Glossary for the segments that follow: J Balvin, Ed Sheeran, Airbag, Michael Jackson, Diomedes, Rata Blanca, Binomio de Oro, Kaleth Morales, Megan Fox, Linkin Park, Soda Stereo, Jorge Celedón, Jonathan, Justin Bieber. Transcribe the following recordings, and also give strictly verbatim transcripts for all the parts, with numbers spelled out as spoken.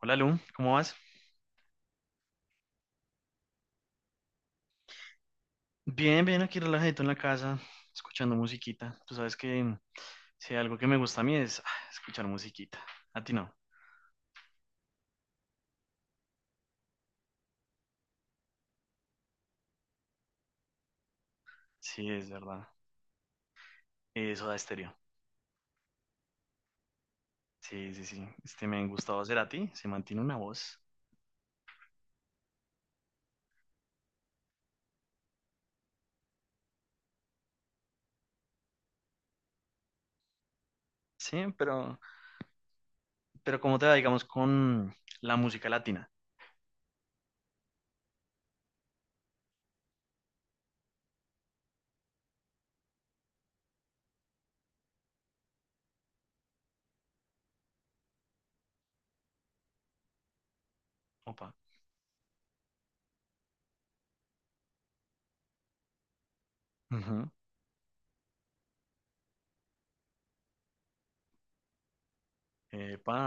Hola Lu, ¿cómo vas? Bien, bien, aquí relajadito en la casa, escuchando musiquita. Tú sabes que mm, si hay algo que me gusta a mí es ah, escuchar musiquita. A ti no. Sí, es verdad. Eh, Soda Stereo. Sí, sí, sí. Este me han gustado hacer a ti, se mantiene una voz. Sí, pero, pero ¿cómo te va, digamos, con la música latina? Opa. Ujú. Epa,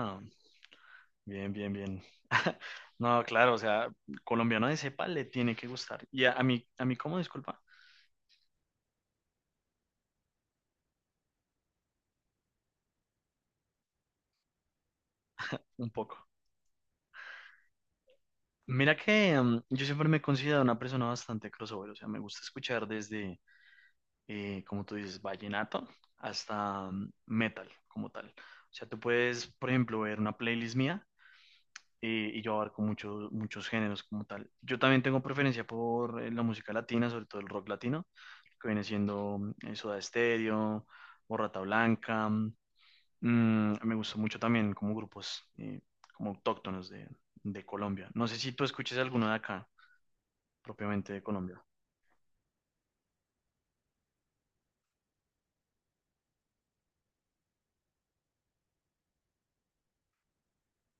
bien, bien, bien. No, claro, o sea, colombiano de cepa le tiene que gustar. Y a, a mí, a mí, ¿cómo? Disculpa, un poco. Mira que mm, yo siempre me he considerado una persona bastante crossover, o sea, me gusta escuchar desde, eh, como tú dices, vallenato hasta mm, metal como tal. O sea, tú puedes, por ejemplo, ver una playlist mía eh, y yo abarco muchos muchos géneros como tal. Yo también tengo preferencia por eh, la música latina, sobre todo el rock latino, que viene siendo mm, eh, Soda Stereo o Rata Blanca. Mm, me gusta mucho también como grupos eh, como autóctonos de, de Colombia. No sé si tú escuches alguno de acá propiamente de Colombia.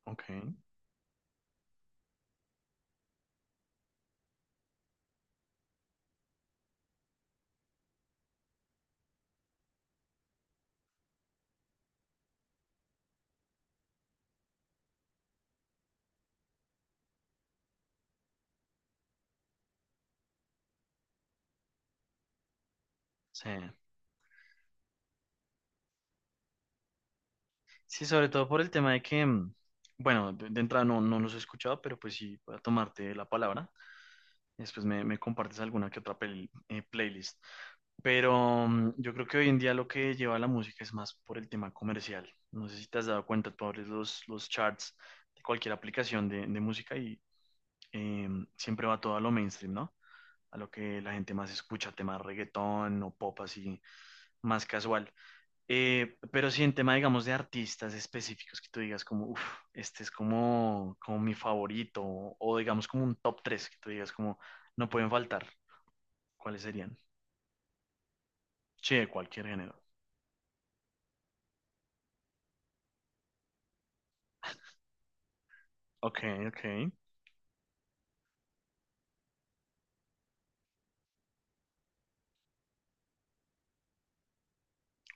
Ok, sí. Sí, sobre todo por el tema de que, mm, bueno, de, de entrada no, no los he escuchado, pero pues sí, voy a tomarte la palabra. Después me, me compartes alguna que otra pel- eh, playlist. Pero mm, yo creo que hoy en día lo que lleva la música es más por el tema comercial. No sé si te has dado cuenta, tú abres los, los charts de cualquier aplicación de, de música y eh, siempre va todo a lo mainstream, ¿no? A lo que la gente más escucha, tema reggaetón o pop así, más casual. Eh, pero sí, en tema, digamos, de artistas específicos que tú digas como, uff, este es como, como mi favorito, o, o digamos como un top tres que tú digas como, no pueden faltar, ¿cuáles serían? Sí, de cualquier género. Ok, ok.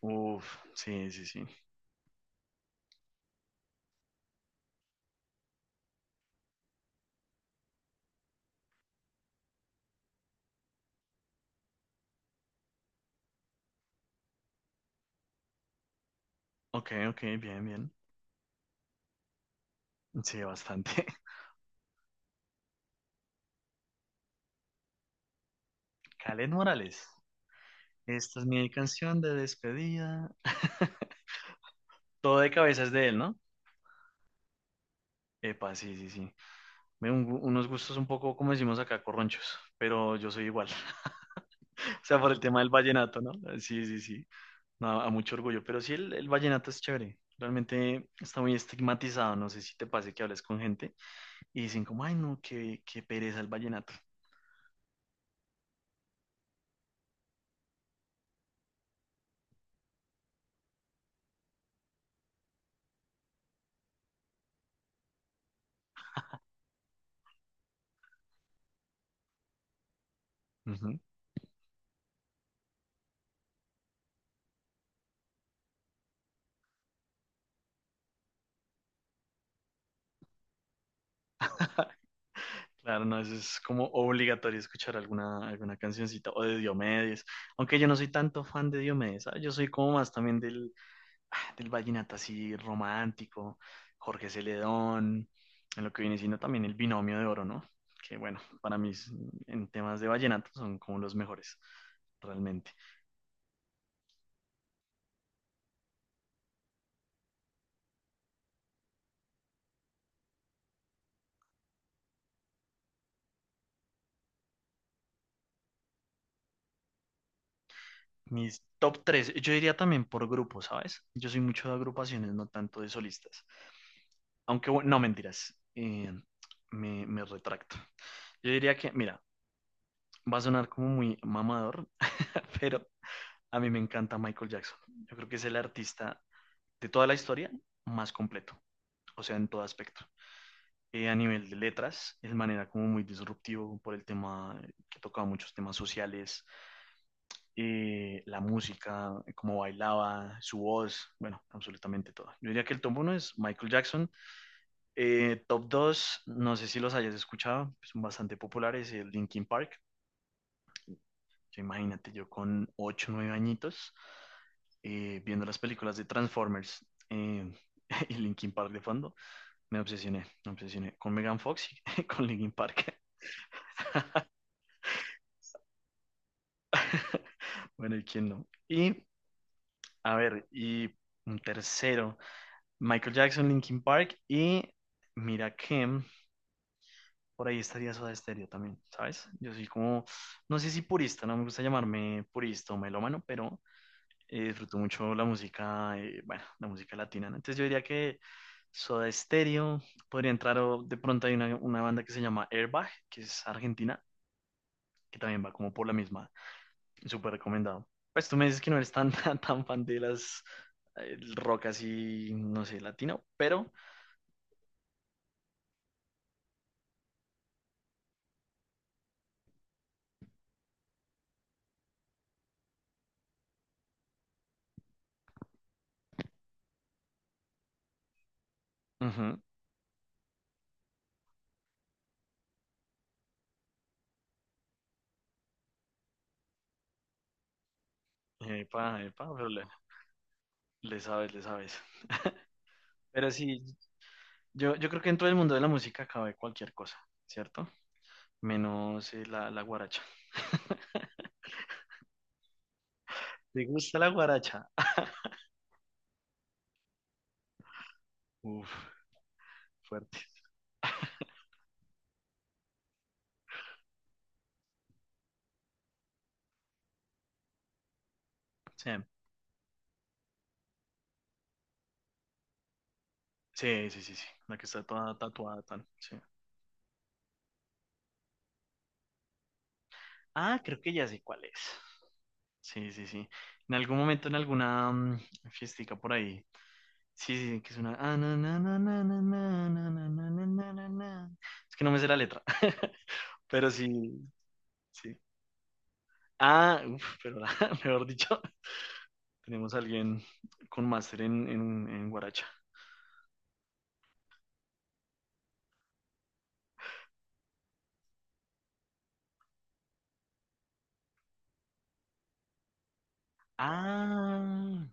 Uff, sí, sí, sí. Ok, ok, bien, bien. Sí, bastante. Kaleth Morales. Esta es mi canción de despedida. Todo de cabeza es de él, ¿no? Epa, sí, sí, sí. Me- un- unos gustos un poco, como decimos acá, corronchos, pero yo soy igual. O sea, por el tema del vallenato, ¿no? Eh, sí, sí, sí. No, a mucho orgullo. Pero sí, el, el vallenato es chévere. Realmente está muy estigmatizado. No sé si te pase que hables con gente y dicen como, ay, no, qué, qué pereza el vallenato. Ujú. Claro, no, eso es como obligatorio escuchar alguna, alguna cancioncita o de Diomedes. Aunque yo no soy tanto fan de Diomedes, ¿sabes? Yo soy como más también del, ah, del vallenato así romántico, Jorge Celedón, en lo que viene siendo también el binomio de oro, ¿no? Que bueno, para mí es- en temas de vallenato son como los mejores, realmente. Mis top tres, yo diría también por grupo, ¿sabes? Yo soy mucho de agrupaciones, no tanto de solistas. Aunque bueno, no mentiras, eh, me, me retracto. Yo diría que, mira, va a sonar como muy mamador, pero a mí me encanta Michael Jackson. Yo creo que es el artista de toda la historia más completo, o sea, en todo aspecto. Eh, a nivel de letras, es de manera como muy disruptivo por el tema eh, que tocaba muchos temas sociales, eh, la música, eh, cómo bailaba, su voz, bueno, absolutamente todo. Yo diría que el top uno es Michael Jackson. Eh, top dos no sé si los hayas escuchado, pues, son bastante populares, el Linkin Park. Yo imagínate, yo con ocho nueve añitos, eh, viendo las películas de Transformers eh, y Linkin Park de fondo. Me obsesioné, me obsesioné con Megan Fox y con Linkin Park. Bueno, ¿y quién no? Y, a ver, y un tercero, Michael Jackson, Linkin Park y mira que por ahí estaría Soda Stereo también, ¿sabes? Yo soy como, no sé si purista, no me gusta llamarme purista o melómano, pero eh, disfruto mucho la música, eh, bueno, la música latina, ¿no? Entonces yo diría que Soda Stereo podría entrar, o de pronto hay una, una banda que se llama Airbag, que es argentina, que también va como por la misma. Súper recomendado. Pues tú me dices que no eres tan, tan, tan fan de las eh, el rock así, no sé, latino, pero... Ujú. Epa, epa, pero le, le sabes, le sabes. Pero sí, yo, yo creo que en todo el mundo de la música cabe cualquier cosa, ¿cierto? Menos eh, la, la guaracha. ¿Te gusta la guaracha? Uf, fuerte. Sí, sí, sí, sí, sí. La que está toda tatuada, tan, sí. Ah, creo que ya sé cuál es. Sí, sí, sí. En algún momento, en alguna mm, fiestica por ahí, sí, sí, sí, que es una... ah, na, na, na, na, na, na, na, na, na, na, na, na, na. Es que no me sé la letra, pero sí, sí. Ah, uf, pero mejor dicho, tenemos a alguien con máster en, en, en guaracha. Ah,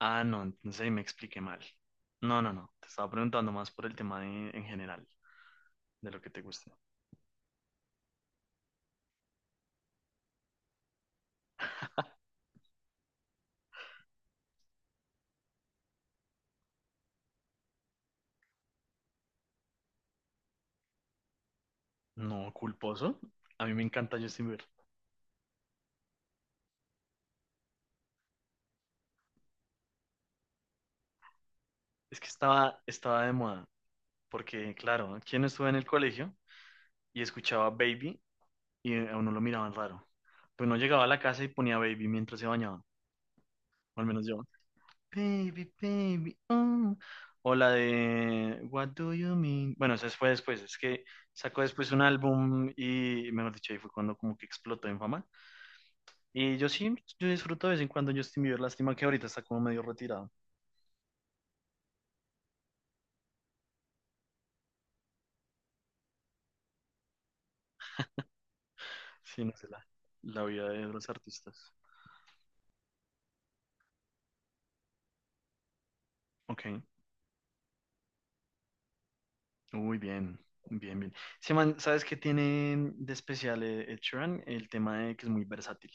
ah, no, entonces ahí me expliqué mal. No, no, no, te estaba preguntando más por el tema de- en general, de lo que te gusta. No, culposo. A mí me encanta Justin Bieber. Es que estaba, estaba de moda, porque claro, ¿quién estuvo en el colegio y escuchaba Baby y a uno lo miraban raro? Pues no llegaba a la casa y ponía Baby mientras se bañaban, o al menos yo. Baby, baby, oh. O la de What do you mean? Bueno, esa fue después, es que sacó después un álbum y, mejor dicho, ahí fue cuando como que explotó en fama. Y yo sí, yo disfruto de vez en cuando Justin Bieber, lástima que ahorita está como medio retirado. Sí, no sé, la, la vida de los artistas. Ok, muy bien, bien, bien. Sí, man, ¿sabes qué tiene de especial eh, Ed Sheeran? El tema de que es muy versátil.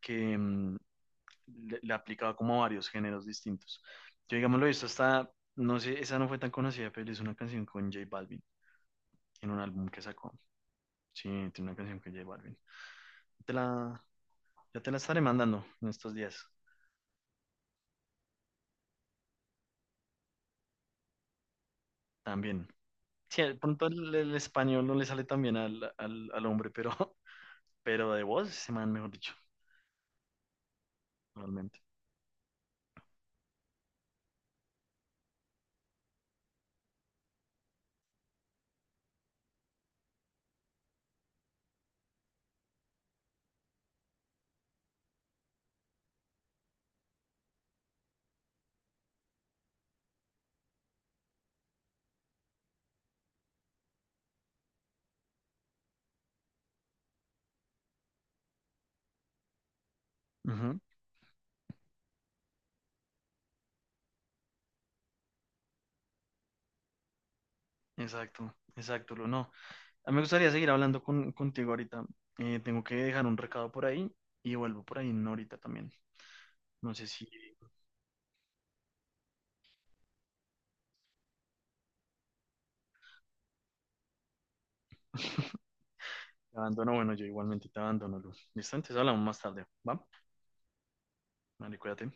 Que mm, le, le ha como a varios géneros distintos. Yo, digamos, lo he visto hasta, no sé, esa no fue tan conocida, pero es una canción con J Balvin en un álbum que sacó. Sí, tiene una canción con J Balvin. Te la, ya te la estaré mandando en estos días también. Sí, de pronto el, el español no le sale tan bien al, al, al hombre, pero, pero de voz, ese man, mejor dicho, realmente. Ujú. Exacto, exacto, lo no. A mí me gustaría seguir hablando con, contigo ahorita. Eh, tengo que dejar un recado por ahí y vuelvo por ahí en una horita también. No sé si te abandono. Bueno, yo igualmente te abandono, Luz. Listo, entonces hablamos más tarde. ¿Va? Vale, cuídate.